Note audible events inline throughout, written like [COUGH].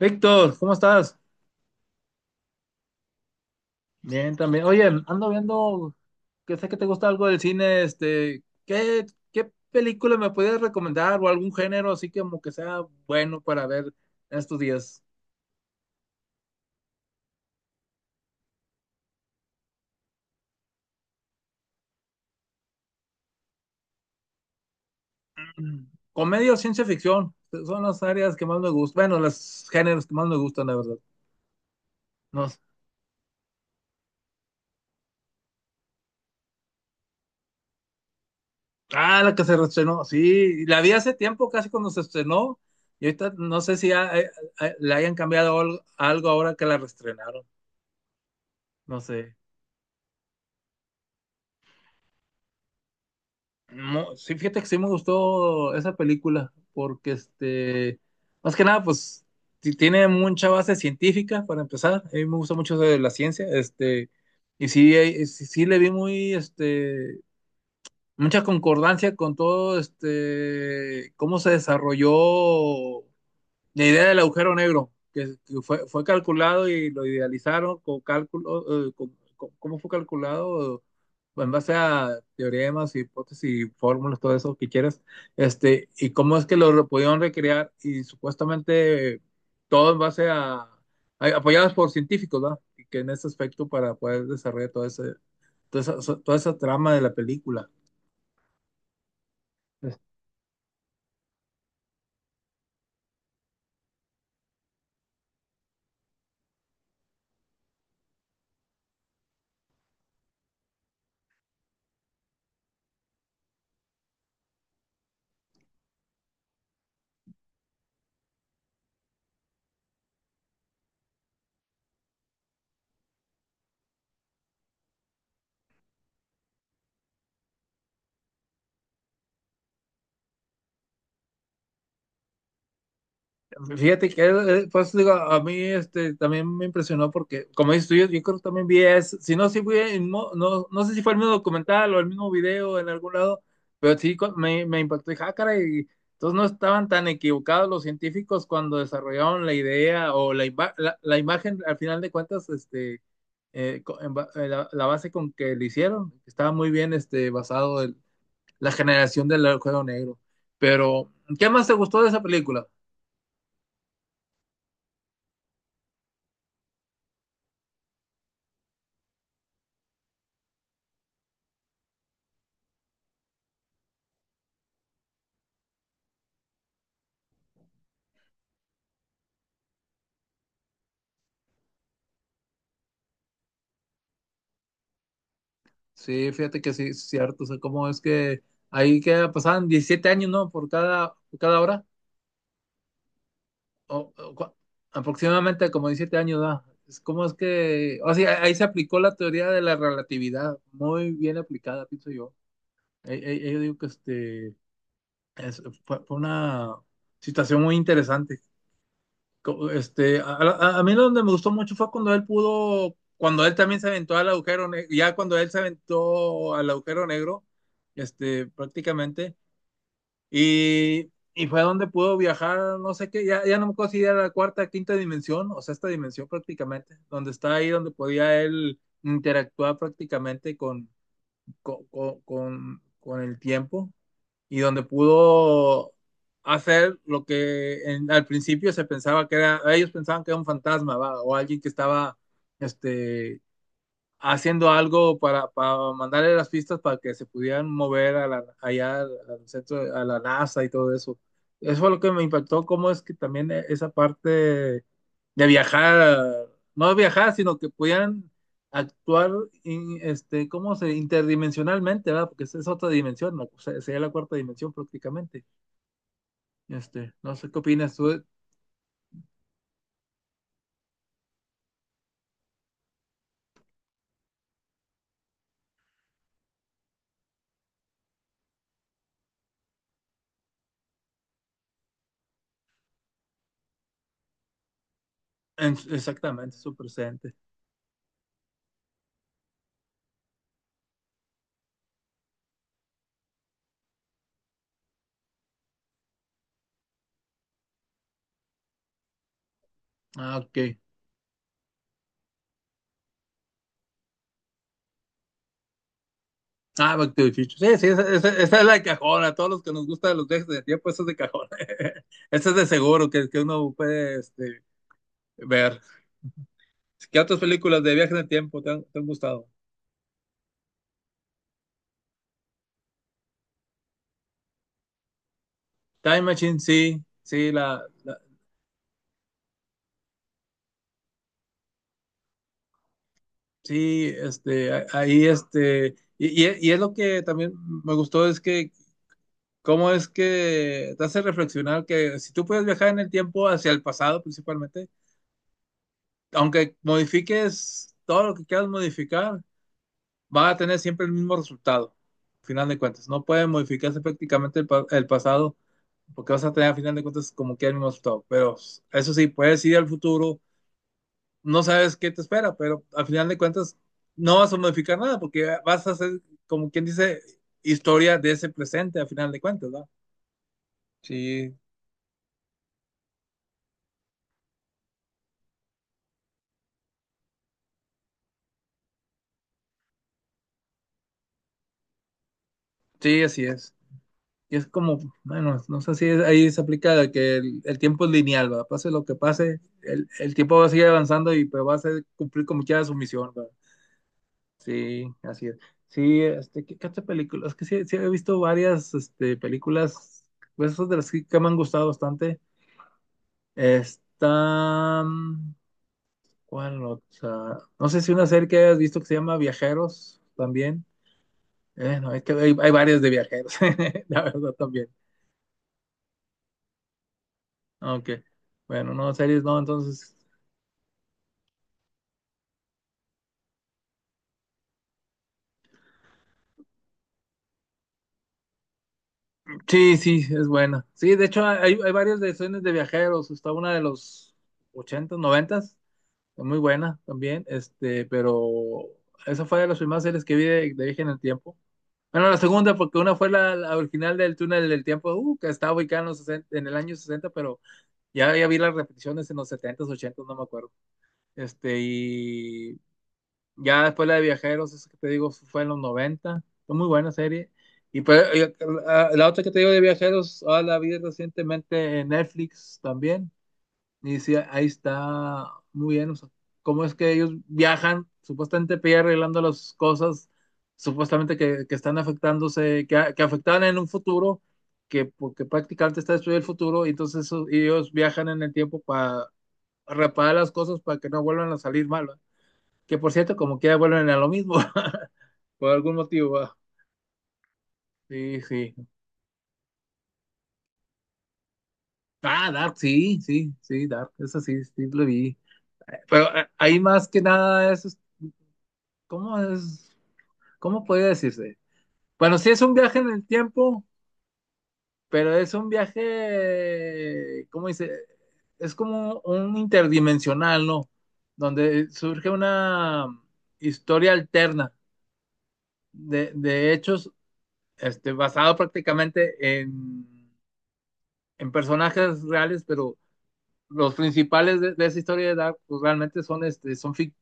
Víctor, ¿cómo estás? Bien, también. Oye, ando viendo que sé que te gusta algo del cine, ¿qué película me puedes recomendar o algún género así que como que sea bueno para ver en estos días? Mm, Comedia o ciencia ficción, son las áreas que más me gustan, bueno, los géneros que más me gustan, la verdad. No sé. Ah, la que se estrenó, sí, la vi hace tiempo, casi cuando se estrenó, y ahorita no sé si le hayan cambiado algo ahora que la reestrenaron, no sé. No, sí, fíjate que sí me gustó esa película, porque más que nada, pues tiene mucha base científica para empezar. A mí me gusta mucho eso de la ciencia, y sí, sí le vi muy, mucha concordancia con todo, cómo se desarrolló la idea del agujero negro, que fue calculado y lo idealizaron con cálculo, ¿cómo fue calculado? En base a teoremas, hipótesis, fórmulas, todo eso que quieras, y cómo es que pudieron recrear y supuestamente todo en base a, apoyados por científicos, ¿verdad? Y que en ese aspecto para poder desarrollar toda esa trama de la película. Fíjate que, pues digo, a mí también me impresionó porque, como dices tú, yo creo que también vi, es, si no, si fue no, no sé si fue el mismo documental o el mismo video en algún lado, pero sí me impactó. Dije, ah, caray, entonces no estaban tan equivocados los científicos cuando desarrollaron la idea o la imagen, al final de cuentas, la base con que lo hicieron, estaba muy bien basado en la generación del juego negro. Pero, ¿qué más te gustó de esa película? Sí, fíjate que sí, es cierto. O sea, cómo es que ahí que pasaban 17 años, ¿no? Por cada hora. O, o cua- aproximadamente como 17 años, ¿no? Es como es que. O sea, ahí se aplicó la teoría de la relatividad. Muy bien aplicada, pienso yo. Yo digo que fue una situación muy interesante. A mí lo donde me gustó mucho fue cuando él pudo. Cuando él también se aventó al agujero negro. Ya cuando él se aventó al agujero negro, prácticamente. Y, y fue donde pudo viajar, no sé qué, ya no me acuerdo si era la cuarta, quinta dimensión, o sea esta dimensión prácticamente, donde está ahí, donde podía él interactuar prácticamente con el tiempo y donde pudo hacer lo que al principio se pensaba que era, ellos pensaban que era un fantasma, ¿va? O alguien que estaba, este, haciendo algo para mandarle las pistas para que se pudieran mover allá al centro, a la NASA y todo eso. Eso fue lo que me impactó, cómo es que también esa parte de viajar, no viajar, sino que pudieran actuar, ¿cómo se? Interdimensionalmente, ¿verdad? Porque esa es otra dimensión, ¿no? O sea, sería la cuarta dimensión prácticamente. No sé qué opinas tú exactamente su presente. Ah, ok. Ah, Back to the Future. Sí, sí, esa es la de cajón. A todos los que nos gustan los viajes de tiempo, esa es de cajón. [LAUGHS] Esa es de seguro que, uno puede ver. ¿Qué otras películas de viajes de tiempo te han gustado? Time Machine, sí, sí, sí, ahí, y es lo que también me gustó, es que cómo es que te hace reflexionar que si tú puedes viajar en el tiempo hacia el pasado principalmente, aunque modifiques todo lo que quieras modificar, va a tener siempre el mismo resultado, al final de cuentas. No puede modificarse prácticamente el pasado, porque vas a tener a final de cuentas como que el mismo resultado. Pero eso sí, puedes ir al futuro, no sabes qué te espera, pero al final de cuentas no vas a modificar nada, porque vas a hacer, como quien dice, historia de ese presente al final de cuentas, ¿verdad? Sí, sí, así es. Y es como, bueno, no sé si ahí se aplica de que el tiempo es lineal, ¿verdad? Pase lo que pase, el tiempo va a seguir avanzando y pues cumplir como quiera su misión, ¿verdad? Sí, así es. Sí, ¿qué otra película? Es que sí, sí he visto varias, películas, pues, esas de las que, me han gustado bastante. Está, ¿cuál otra? No sé si una serie que hayas visto que se llama Viajeros también. No, es que hay varias de viajeros, [LAUGHS] la verdad también. Aunque, bueno, no, series no, entonces. Sí, sí, es buena. Sí, de hecho hay varias de series de viajeros. Está una de los ochentas, noventas. Muy buena también, pero esa fue de las primeras series que vi de Viaje en el Tiempo. Bueno, la segunda, porque una fue la original del Túnel del Tiempo, que estaba ubicada los 60 en el año sesenta, pero ya vi las repeticiones en los 70s, no me acuerdo. Y ya después la de Viajeros, eso que te digo, fue en los noventa, fue muy buena serie. Y pues, la otra que te digo de Viajeros, ah, la vi recientemente en Netflix también, y sí, ahí está muy bien. O sea, cómo es que ellos viajan, supuestamente para ir arreglando las cosas, supuestamente que están afectándose, que afectaban en un futuro, que porque prácticamente está destruido el futuro, y entonces ellos viajan en el tiempo para reparar las cosas para que no vuelvan a salir mal. ¿Va? Que por cierto, como quiera vuelven a lo mismo, [LAUGHS] por algún motivo. ¿Va? Sí, sí. Ah, Dark, sí, sí, sí, Dark, eso sí, sí lo vi. Pero ahí más que nada es, ¿cómo es? ¿Cómo podría decirse? Bueno, sí es un viaje en el tiempo, pero es un viaje, ¿cómo dice? Es como un interdimensional, ¿no? Donde surge una historia alterna de hechos, basado prácticamente en personajes reales, pero los principales esa historia de Dark, pues realmente son,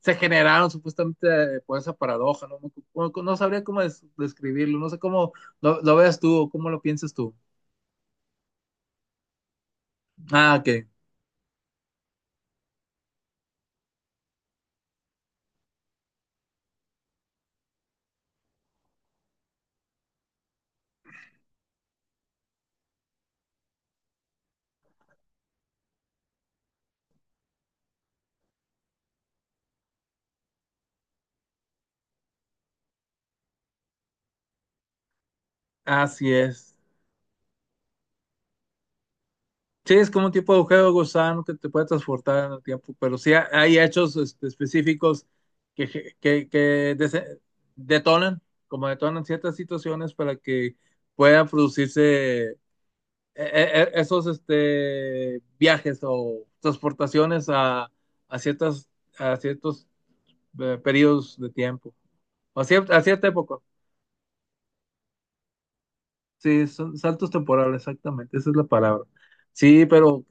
se generaron supuestamente por esa paradoja, ¿no? No, no sabría cómo describirlo, no sé cómo lo veas tú o cómo lo piensas tú. Ah, ok, así es. Sí, es como un tipo de agujero de gusano que te puede transportar en el tiempo, pero sí hay hechos específicos que detonan, como detonan ciertas situaciones para que pueda producirse esos viajes o transportaciones a ciertas, a ciertos periodos de tiempo, a, a cierta época. Sí, son saltos temporales, exactamente, esa es la palabra. Sí, pero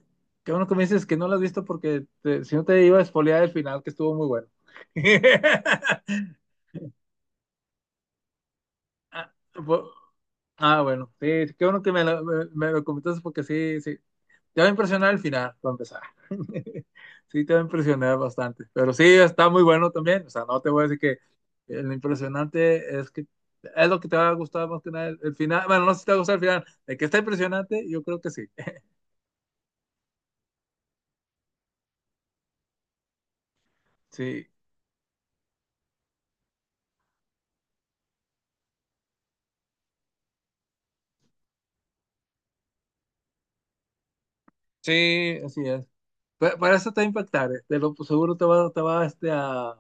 qué bueno que me dices que no lo has visto porque si no te iba a espolear el final, que estuvo muy bueno. [LAUGHS] Ah, bueno, sí, qué bueno que me lo, me lo comentaste porque sí, sí. Te va a impresionar al final, para empezar. [LAUGHS] Sí, te va a impresionar bastante. Pero sí, está muy bueno también. O sea, no te voy a decir que lo impresionante es que es lo que te va a gustar más que nada el final. Bueno, no sé si te va a gustar el final. De que está impresionante, yo creo que sí. [LAUGHS] Sí, sí, así es. Pero eso te va a impactar. Te lo seguro te va a.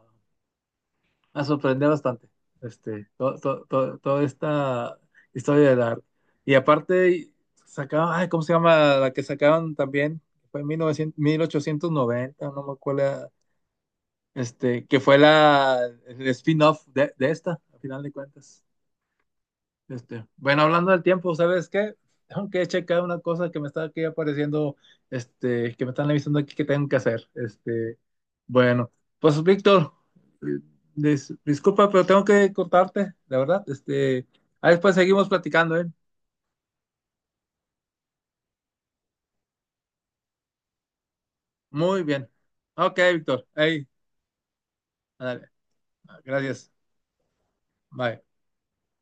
Me sorprendió bastante toda esta historia del arte. Y aparte, sacaban, ay, ¿cómo se llama? La que sacaban también, fue en 1900, 1890, no me acuerdo, que fue el spin-off de esta, al final de cuentas. Bueno, hablando del tiempo, ¿sabes qué? Tengo que checar una cosa que me está aquí apareciendo, que me están avisando aquí que tengo que hacer. Bueno, pues Víctor, eh, disculpa, pero tengo que contarte, la verdad. Ahí después seguimos platicando, ¿eh? Muy bien. Ok, Víctor. Ahí, ándale. Gracias. Bye.